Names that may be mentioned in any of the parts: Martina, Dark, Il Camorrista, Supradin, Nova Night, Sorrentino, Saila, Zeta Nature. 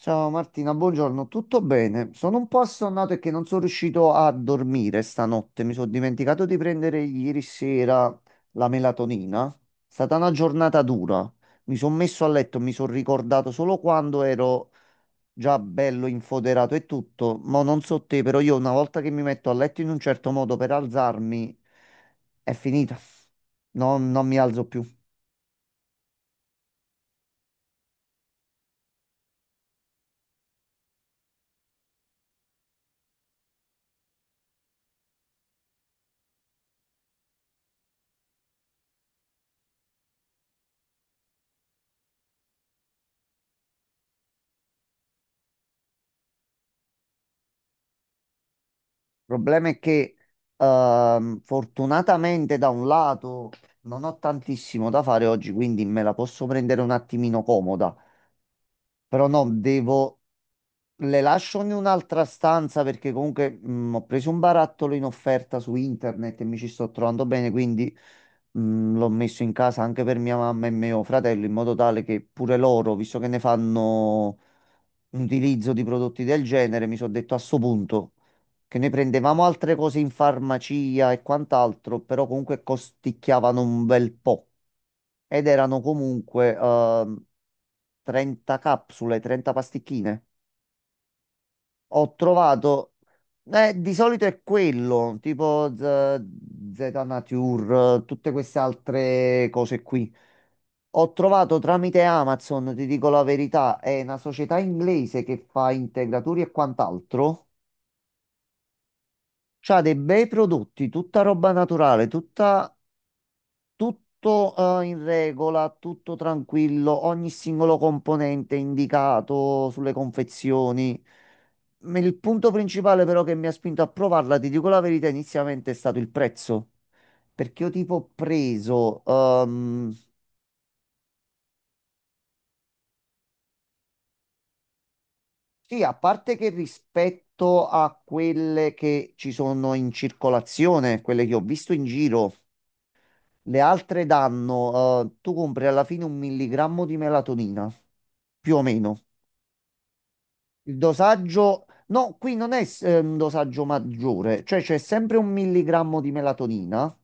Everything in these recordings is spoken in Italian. Ciao Martina, buongiorno, tutto bene? Sono un po' assonnato e che non sono riuscito a dormire stanotte. Mi sono dimenticato di prendere ieri sera la melatonina. È stata una giornata dura. Mi sono messo a letto, mi sono ricordato solo quando ero già bello infoderato e tutto. Ma non so te, però io una volta che mi metto a letto in un certo modo per alzarmi, è finita. Non mi alzo più. Il problema è che fortunatamente da un lato non ho tantissimo da fare oggi, quindi me la posso prendere un attimino comoda, però no, devo... Le lascio in un'altra stanza perché comunque ho preso un barattolo in offerta su internet e mi ci sto trovando bene, quindi l'ho messo in casa anche per mia mamma e mio fratello in modo tale che pure loro, visto che ne fanno utilizzo di prodotti del genere, mi sono detto a sto punto che noi prendevamo altre cose in farmacia e quant'altro, però comunque costicchiavano un bel po' ed erano comunque 30 capsule, 30 pasticchine. Ho trovato, di solito è quello, tipo Z, Zeta Nature, tutte queste altre cose qui. Ho trovato tramite Amazon, ti dico la verità, è una società inglese che fa integratori e quant'altro. C'ha dei bei prodotti, tutta roba naturale, tutta, tutto in regola, tutto tranquillo, ogni singolo componente indicato sulle confezioni. Il punto principale però che mi ha spinto a provarla, ti dico la verità, inizialmente è stato il prezzo, perché io tipo ho preso, sì, a parte che rispetto a quelle che ci sono in circolazione, quelle che ho visto in giro. Le altre danno, tu compri alla fine un milligrammo di melatonina, più o meno. Il dosaggio, no, qui non è, un dosaggio maggiore, cioè c'è sempre un milligrammo di melatonina.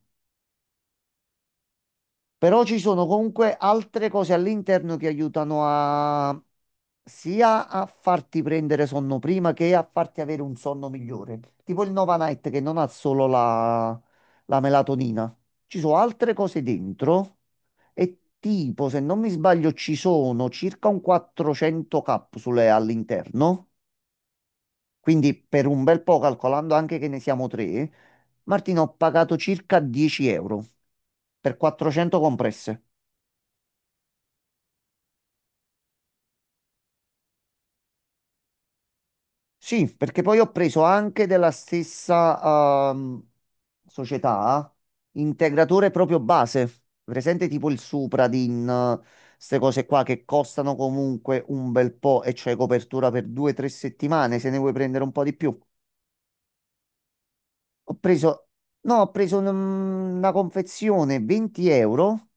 Però ci sono comunque altre cose all'interno che aiutano a sia a farti prendere sonno prima che a farti avere un sonno migliore. Tipo il Nova Night che non ha solo la, melatonina. Ci sono altre cose dentro e tipo, se non mi sbaglio, ci sono circa un 400 capsule all'interno. Quindi per un bel po', calcolando anche che ne siamo tre, Martino, ho pagato circa 10 euro per 400 compresse. Sì, perché poi ho preso anche della stessa società integratore proprio base, presente tipo il Supradin, queste cose qua che costano comunque un bel po' e c'è copertura per due o tre settimane se ne vuoi prendere un po' di più. Ho preso, no, ho preso una confezione 20 euro,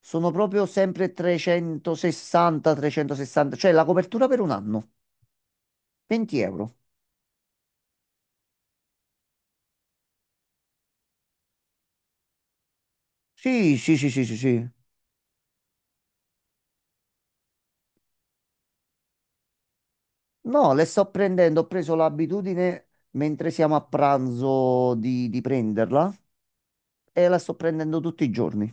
sono proprio sempre 360, 360, cioè la copertura per un anno, 20 euro. Sì, sì, sì, sì, sì, sì. No, le sto prendendo, ho preso l'abitudine mentre siamo a pranzo di, prenderla e la sto prendendo tutti i giorni.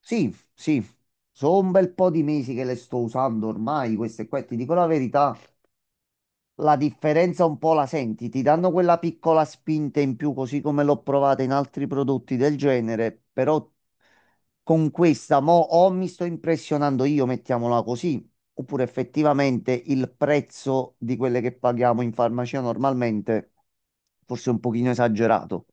Sì, sì, sono un bel po' di mesi che le sto usando ormai, queste qua, ti dico la verità. La differenza un po' la senti, ti danno quella piccola spinta in più, così come l'ho provata in altri prodotti del genere, però con questa mo o mi sto impressionando io, mettiamola così, oppure effettivamente il prezzo di quelle che paghiamo in farmacia normalmente forse è un pochino esagerato.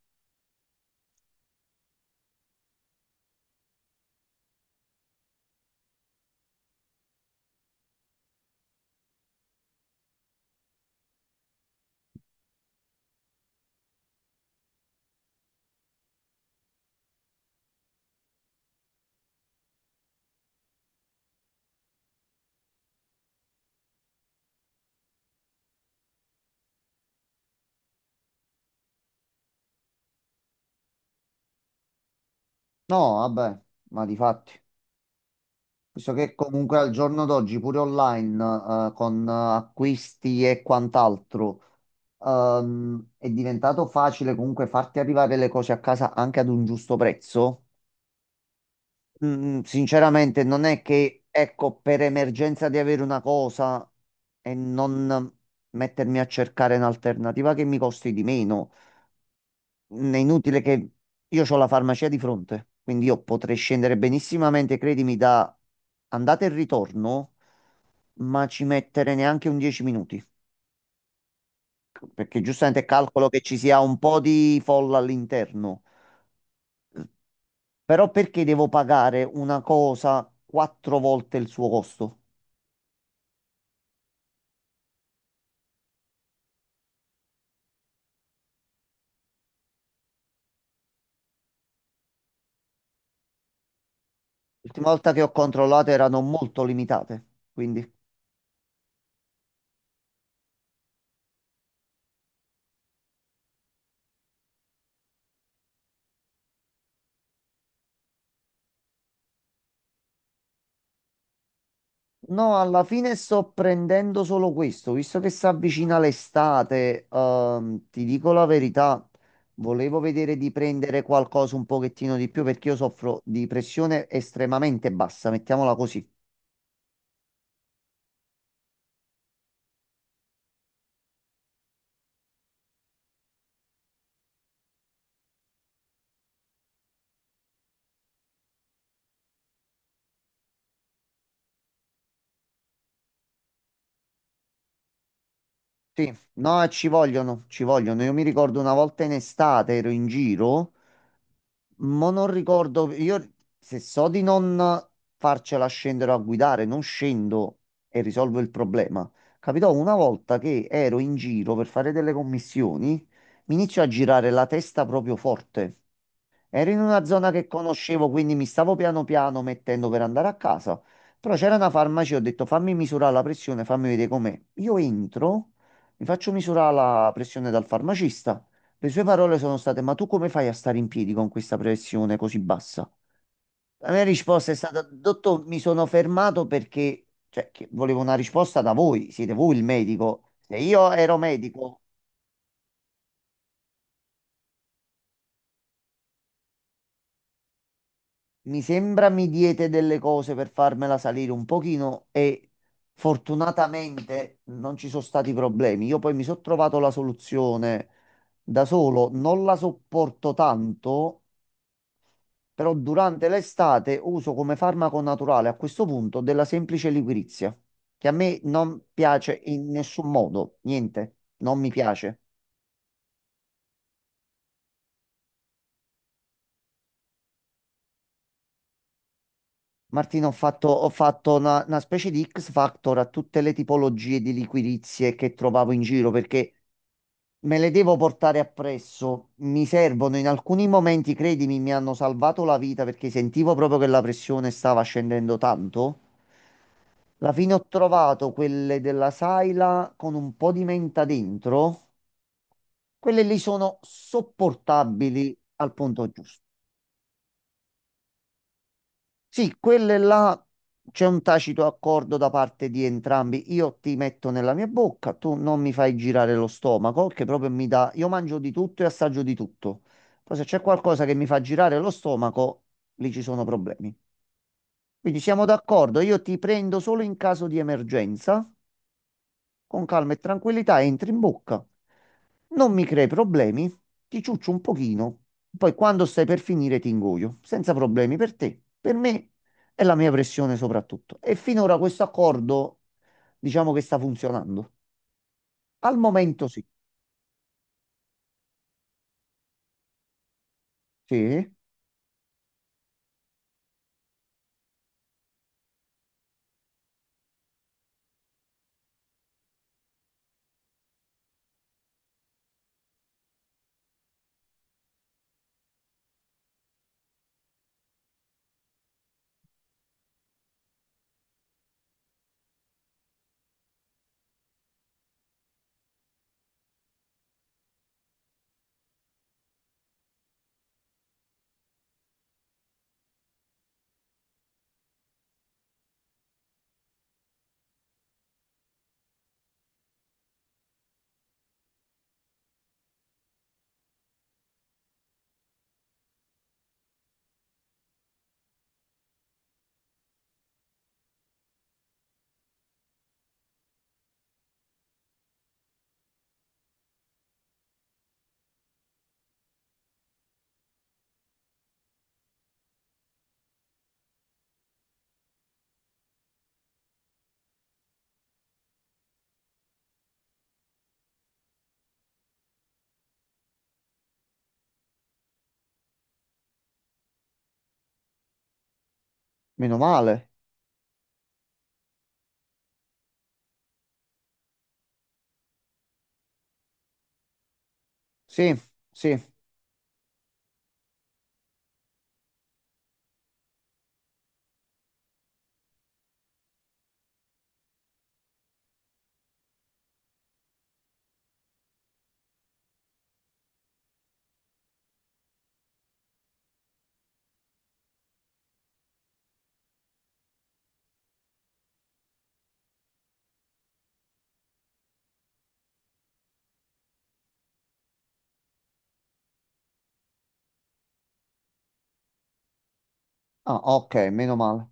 No, vabbè, ma di fatti. Visto che comunque al giorno d'oggi pure online, con acquisti e quant'altro, è diventato facile comunque farti arrivare le cose a casa anche ad un giusto prezzo. Sinceramente, non è che, ecco, per emergenza di avere una cosa e non mettermi a cercare un'alternativa che mi costi di meno. È inutile che io ho la farmacia di fronte, quindi io potrei scendere benissimamente, credimi, da andata e ritorno ma ci mettere neanche un 10 minuti, perché giustamente calcolo che ci sia un po' di folla all'interno. Però perché devo pagare una cosa quattro volte il suo costo? L'ultima volta che ho controllato erano molto limitate, quindi... No, alla fine sto prendendo solo questo, visto che si avvicina l'estate, ti dico la verità, volevo vedere di prendere qualcosa un pochettino di più perché io soffro di pressione estremamente bassa, mettiamola così. Sì, no, ci vogliono, ci vogliono. Io mi ricordo una volta in estate ero in giro, ma non ricordo, io se so di non farcela scendere a guidare, non scendo e risolvo il problema. Capitò una volta che ero in giro per fare delle commissioni, mi inizio a girare la testa proprio forte. Ero in una zona che conoscevo, quindi mi stavo piano piano mettendo per andare a casa. Però c'era una farmacia, ho detto fammi misurare la pressione, fammi vedere com'è. Io entro, mi faccio misurare la pressione dal farmacista. Le sue parole sono state: Ma tu come fai a stare in piedi con questa pressione così bassa? La mia risposta è stata: Dottor, mi sono fermato perché cioè, che volevo una risposta da voi. Siete voi il medico. Se io ero medico, mi sembra mi diete delle cose per farmela salire un pochino e fortunatamente non ci sono stati problemi. Io poi mi sono trovato la soluzione da solo, non la sopporto tanto, però durante l'estate uso come farmaco naturale a questo punto della semplice liquirizia, che a me non piace in nessun modo, niente, non mi piace. Martina, ho fatto una, specie di X Factor a tutte le tipologie di liquirizie che trovavo in giro perché me le devo portare appresso, mi servono in alcuni momenti, credimi, mi hanno salvato la vita perché sentivo proprio che la pressione stava scendendo tanto. Alla fine ho trovato quelle della Saila con un po' di menta dentro, quelle lì sono sopportabili al punto giusto. Sì, quelle là c'è un tacito accordo da parte di entrambi. Io ti metto nella mia bocca, tu non mi fai girare lo stomaco, che proprio mi dà. Io mangio di tutto e assaggio di tutto. Poi se c'è qualcosa che mi fa girare lo stomaco, lì ci sono problemi. Quindi siamo d'accordo, io ti prendo solo in caso di emergenza, con calma e tranquillità, entri in bocca non mi crei problemi, ti ciuccio un pochino, poi quando stai per finire ti ingoio, senza problemi per te, per me e la mia pressione soprattutto. E finora questo accordo diciamo che sta funzionando. Al momento sì, sì, meno male, sì, sì, ah ok, meno male.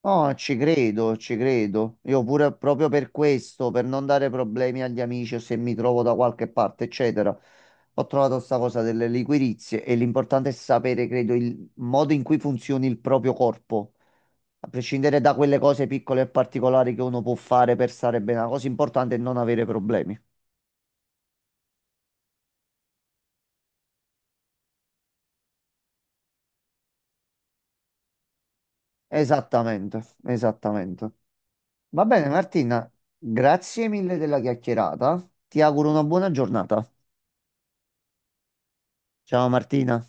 No, ci credo, ci credo. Io pure proprio per questo, per non dare problemi agli amici o se mi trovo da qualche parte, eccetera, ho trovato sta cosa delle liquirizie e l'importante è sapere, credo, il modo in cui funzioni il proprio corpo, a prescindere da quelle cose piccole e particolari che uno può fare per stare bene. La cosa importante è non avere problemi. Esattamente, esattamente. Va bene, Martina, grazie mille della chiacchierata. Ti auguro una buona giornata. Ciao Martina.